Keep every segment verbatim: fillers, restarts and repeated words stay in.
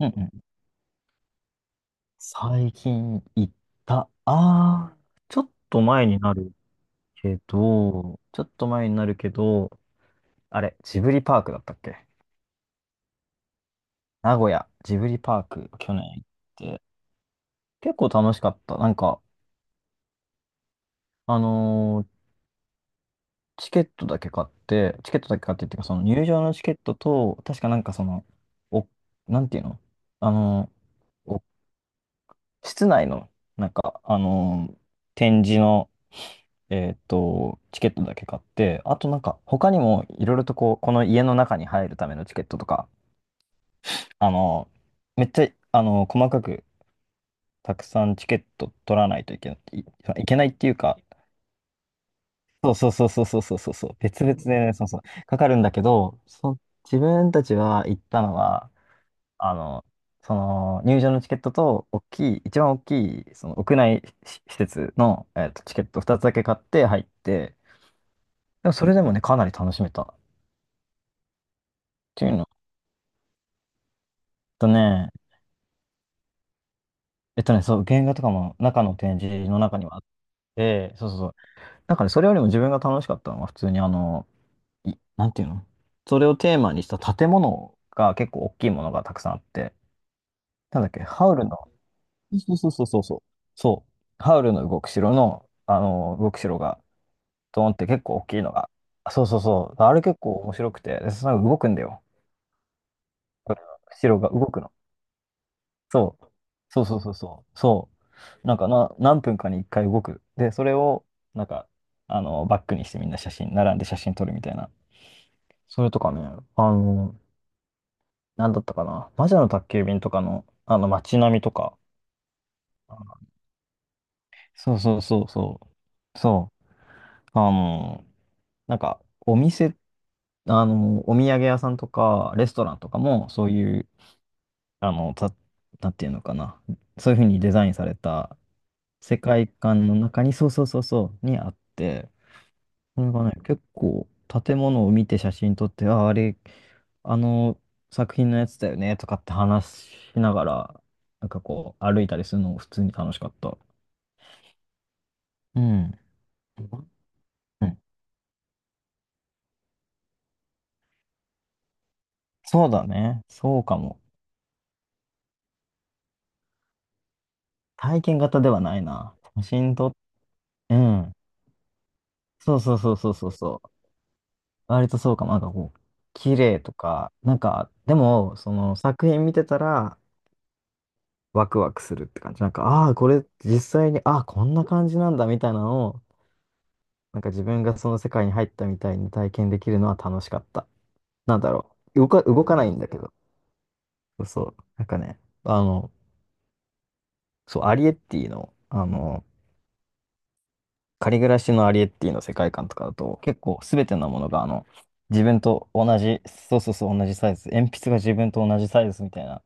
うんうん最近行った。あーちょっと前になるけど、ちょっと前になるけど、あれ、ジブリパークだったっけ？名古屋、ジブリパーク、去年行って、結構楽しかった。なんか、あのーチケットだけ買って、チケットだけ買ってっていうか、その入場のチケットと、確かなんかその、お、なんていうの？あのーお室内の、なんか、あのー展示の、えーっと、チケットだけ買って、あとなんか他にもいろいろとこう、この家の中に入るためのチケットとか、あの、めっちゃ、あの、細かくたくさんチケット取らないといけない、いいけないっていうか、そうそうそうそうそうそうそうそう、別々でね、そうそう、かかるんだけど、そ、自分たちは行ったのは、あの、その入場のチケットと大きい、一番大きいその屋内し施設の、えーっと、チケットふたつだけ買って入って、でもそれでもね、かなり楽しめた。っていうのとね、えっとね、そう、原画とかも中の展示の中にはあって、そうそうそう。なんかね、それよりも自分が楽しかったのは普通にあの、い、なんていうの？それをテーマにした建物が結構大きいものがたくさんあって、なんだっけ、ハウルの、そうそうそうそうそう。そう、ハウルの動く城の、あの、動く城が、ドーンって結構大きいのが、そうそうそう。あれ結構面白くて、でその動くんだよ。城が動くの。そう。そうそうそうそう。そう。なんかな、何分かにいっかい動く。で、それを、なんか、あの、バックにしてみんな写真、並んで写真撮るみたいな。それとかね、あの、なんだったかな。魔女の宅急便とかの、あの、街並みとか。そうそうそうそう。そう。あの、なんか、お店、あの、お土産屋さんとか、レストランとかも、そういう、あの、た、なんていうのかな？そういうふうにデザインされた世界観の中に、そうそうそうそう、にあって、それがね、結構建物を見て写真撮って、あ、あれ、あの作品のやつだよねとかって話しながら、なんかこう歩いたりするのも普通に楽しかった。うん。うんそうだね。そうかも。体験型ではないな。写真撮ってうん。そうそうそうそうそうそう。割とそうかも。なんかこう、綺麗とか、なんか、でも、その作品見てたら、ワクワクするって感じ。なんか、ああ、これ実際に、ああ、こんな感じなんだみたいなのを、なんか自分がその世界に入ったみたいに体験できるのは楽しかった。なんだろう。動か、動かないんだけど。そうそう。なんかね、あの、そう、アリエッティの、あの、仮暮らしのアリエッティの世界観とかだと、結構すべてのものが、あの、自分と同じ、そうそうそう、同じサイズ。鉛筆が自分と同じサイズみたいな。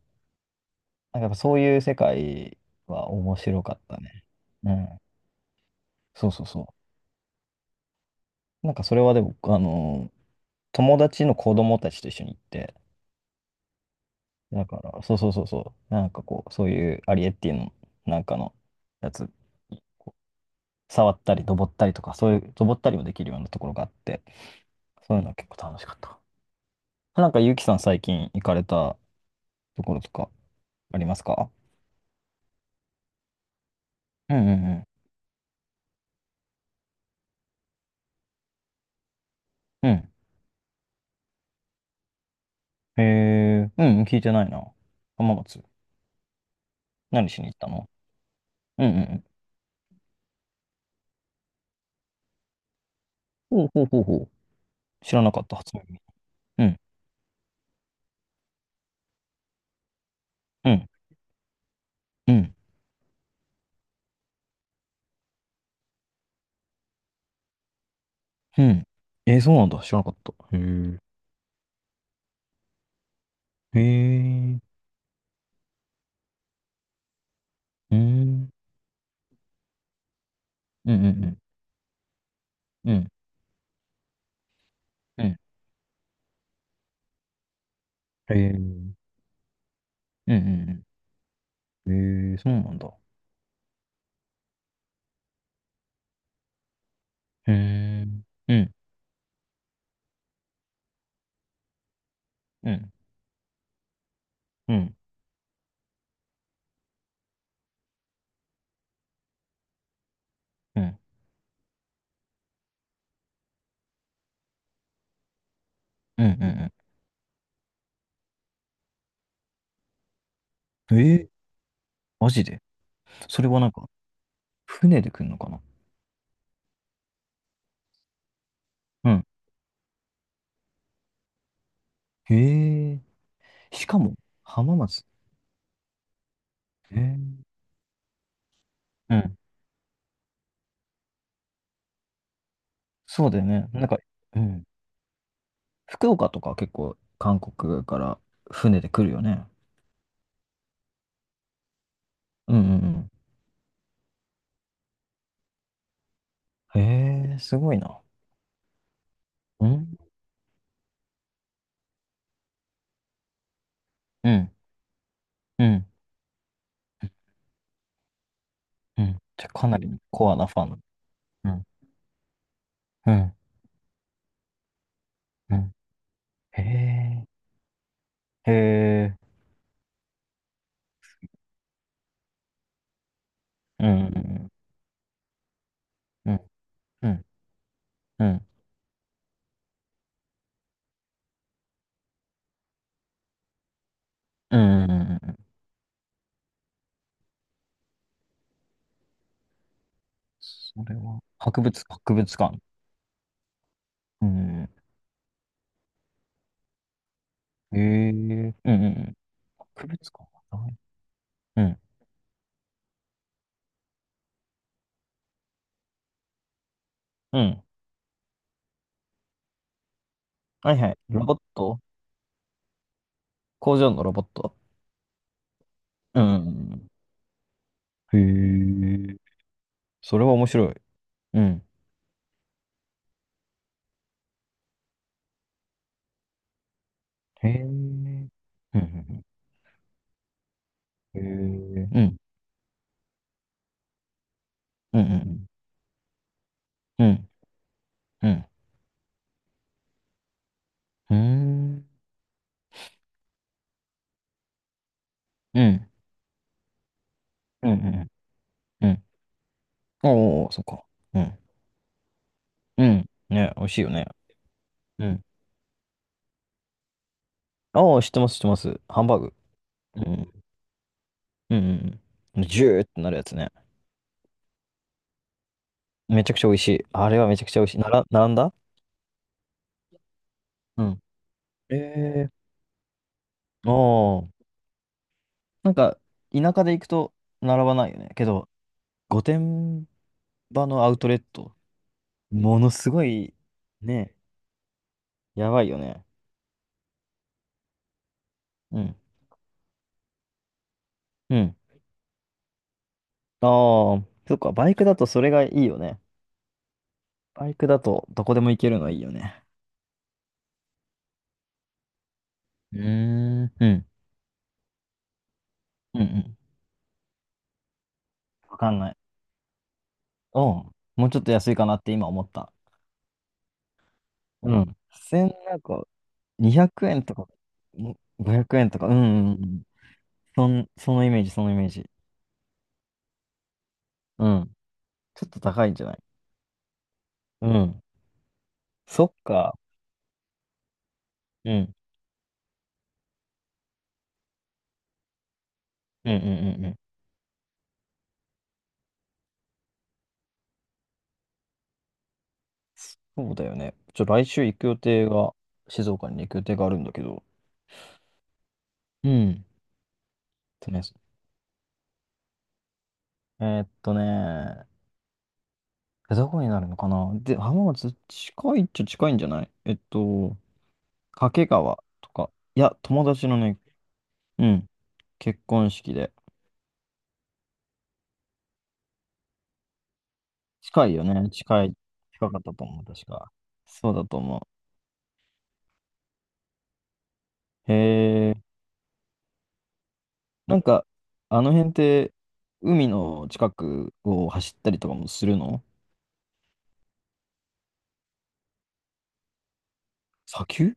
なんかやっぱそういう世界は面白かったね。うん。そうそうそう。なんかそれはでも、あの、友達の子供たちと一緒に行って、だから、そうそうそうそう、なんかこう、そういうアリエッティのなんかのやつ、触ったり、登ったりとか、そういう、登ったりもできるようなところがあって、そういうのは結構楽しかった。なんか、ゆうきさん最近行かれたところとかありますか？うんうんうん。うん。へえ、うんうん、聞いてないな。浜松。何しに行ったの？うんうんうん。ほうほうほうほう。知らなかった、初耳。うん、うん、うん。うん。えー、そうなんだ。知らなかった。へえ。へえ。うん。うんうんうん。うん。うん。へえ。うんうんうん。へえ、そうなんだ。へえ。うん。うん。うん。うん。うんうんうん。ええ、マジで。それはなんか、船で来るのかな？うん。へえ。しかも、浜松。へえ。うん。そうだよね。なんか、うん。福岡とか結構、韓国から船で来るよね。うんうんうん。へえ、すごいな。うん。うん、うん、うん。じゃあ、かなりコアなファン。うん、うん、うん。へえ、へえ、うん、うん、うん、うん、うん、うん、うん。うんそれは、博物、博物館？うん、へえ、うん、うん、うん。博物館はない。うん、うん。はいはい。ロボット工場のロボットうん。へえ、それは面白い。うん。へえ、うん、うん、うん。へえ、うん、うん、うん、うん、うん。うーん。うん。うんうんうん。おおそっか。うん。うん。ね、美味しいよね。うん。ああ、知ってます、知ってます。ハンバーグ。うん。うんうんうん。ジューってなるやつね。めちゃくちゃ美味しい。あれはめちゃくちゃ美味しい。なら、並んだ？うん。ええー。ああ。なんか、田舎で行くと並ばないよね。けど、御殿場のアウトレット、ものすごい、ね、やばいよね。うん。うん。ああ、そっか、バイクだとそれがいいよね。バイクだとどこでも行けるのいいよね。うーん、うん、うんうん。わかんない。うん。もうちょっと安いかなって今思った。うん。せんなんか、にひゃくえんとか、んごひゃくえんとか、うんうんうん。そん、そのイメージ、そのイメージ。うん、ちょっと高いんじゃない？うん、そっか。うん、うん、うん、うんうん。そうだよね。ちょ、来週行く予定が、静岡に行く予定があるんだけど。うんうんえっとね、えーっとねえどこになるのかな？で、浜松、近いっちゃ近いんじゃない？えっと、掛川とか。いや、友達のね、うん、結婚式で。近いよね。近い。近かったと思う、確か。そうだと思う。へえ。なんか、あの辺って、海の近くを走ったりとかもするの？砂丘？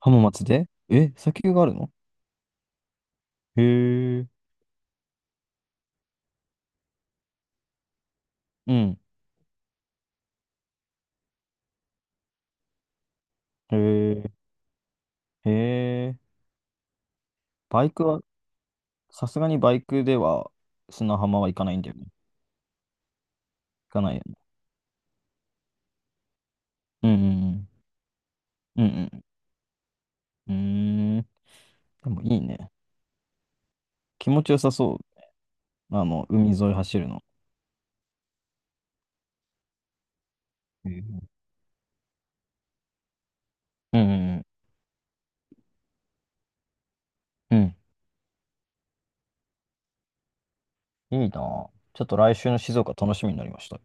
浜松でえ、砂丘があるの？へえ。うん。へえ。へえ。バイクは、さすがにバイクでは砂浜は行かないんだよね。かないよね。うんうんうん。うんうん。うーん。でもいいね。気持ちよさそう。あの、海沿い走るの。うんうんうん。うん。いいなぁ。ちょっと来週の静岡楽しみになりました。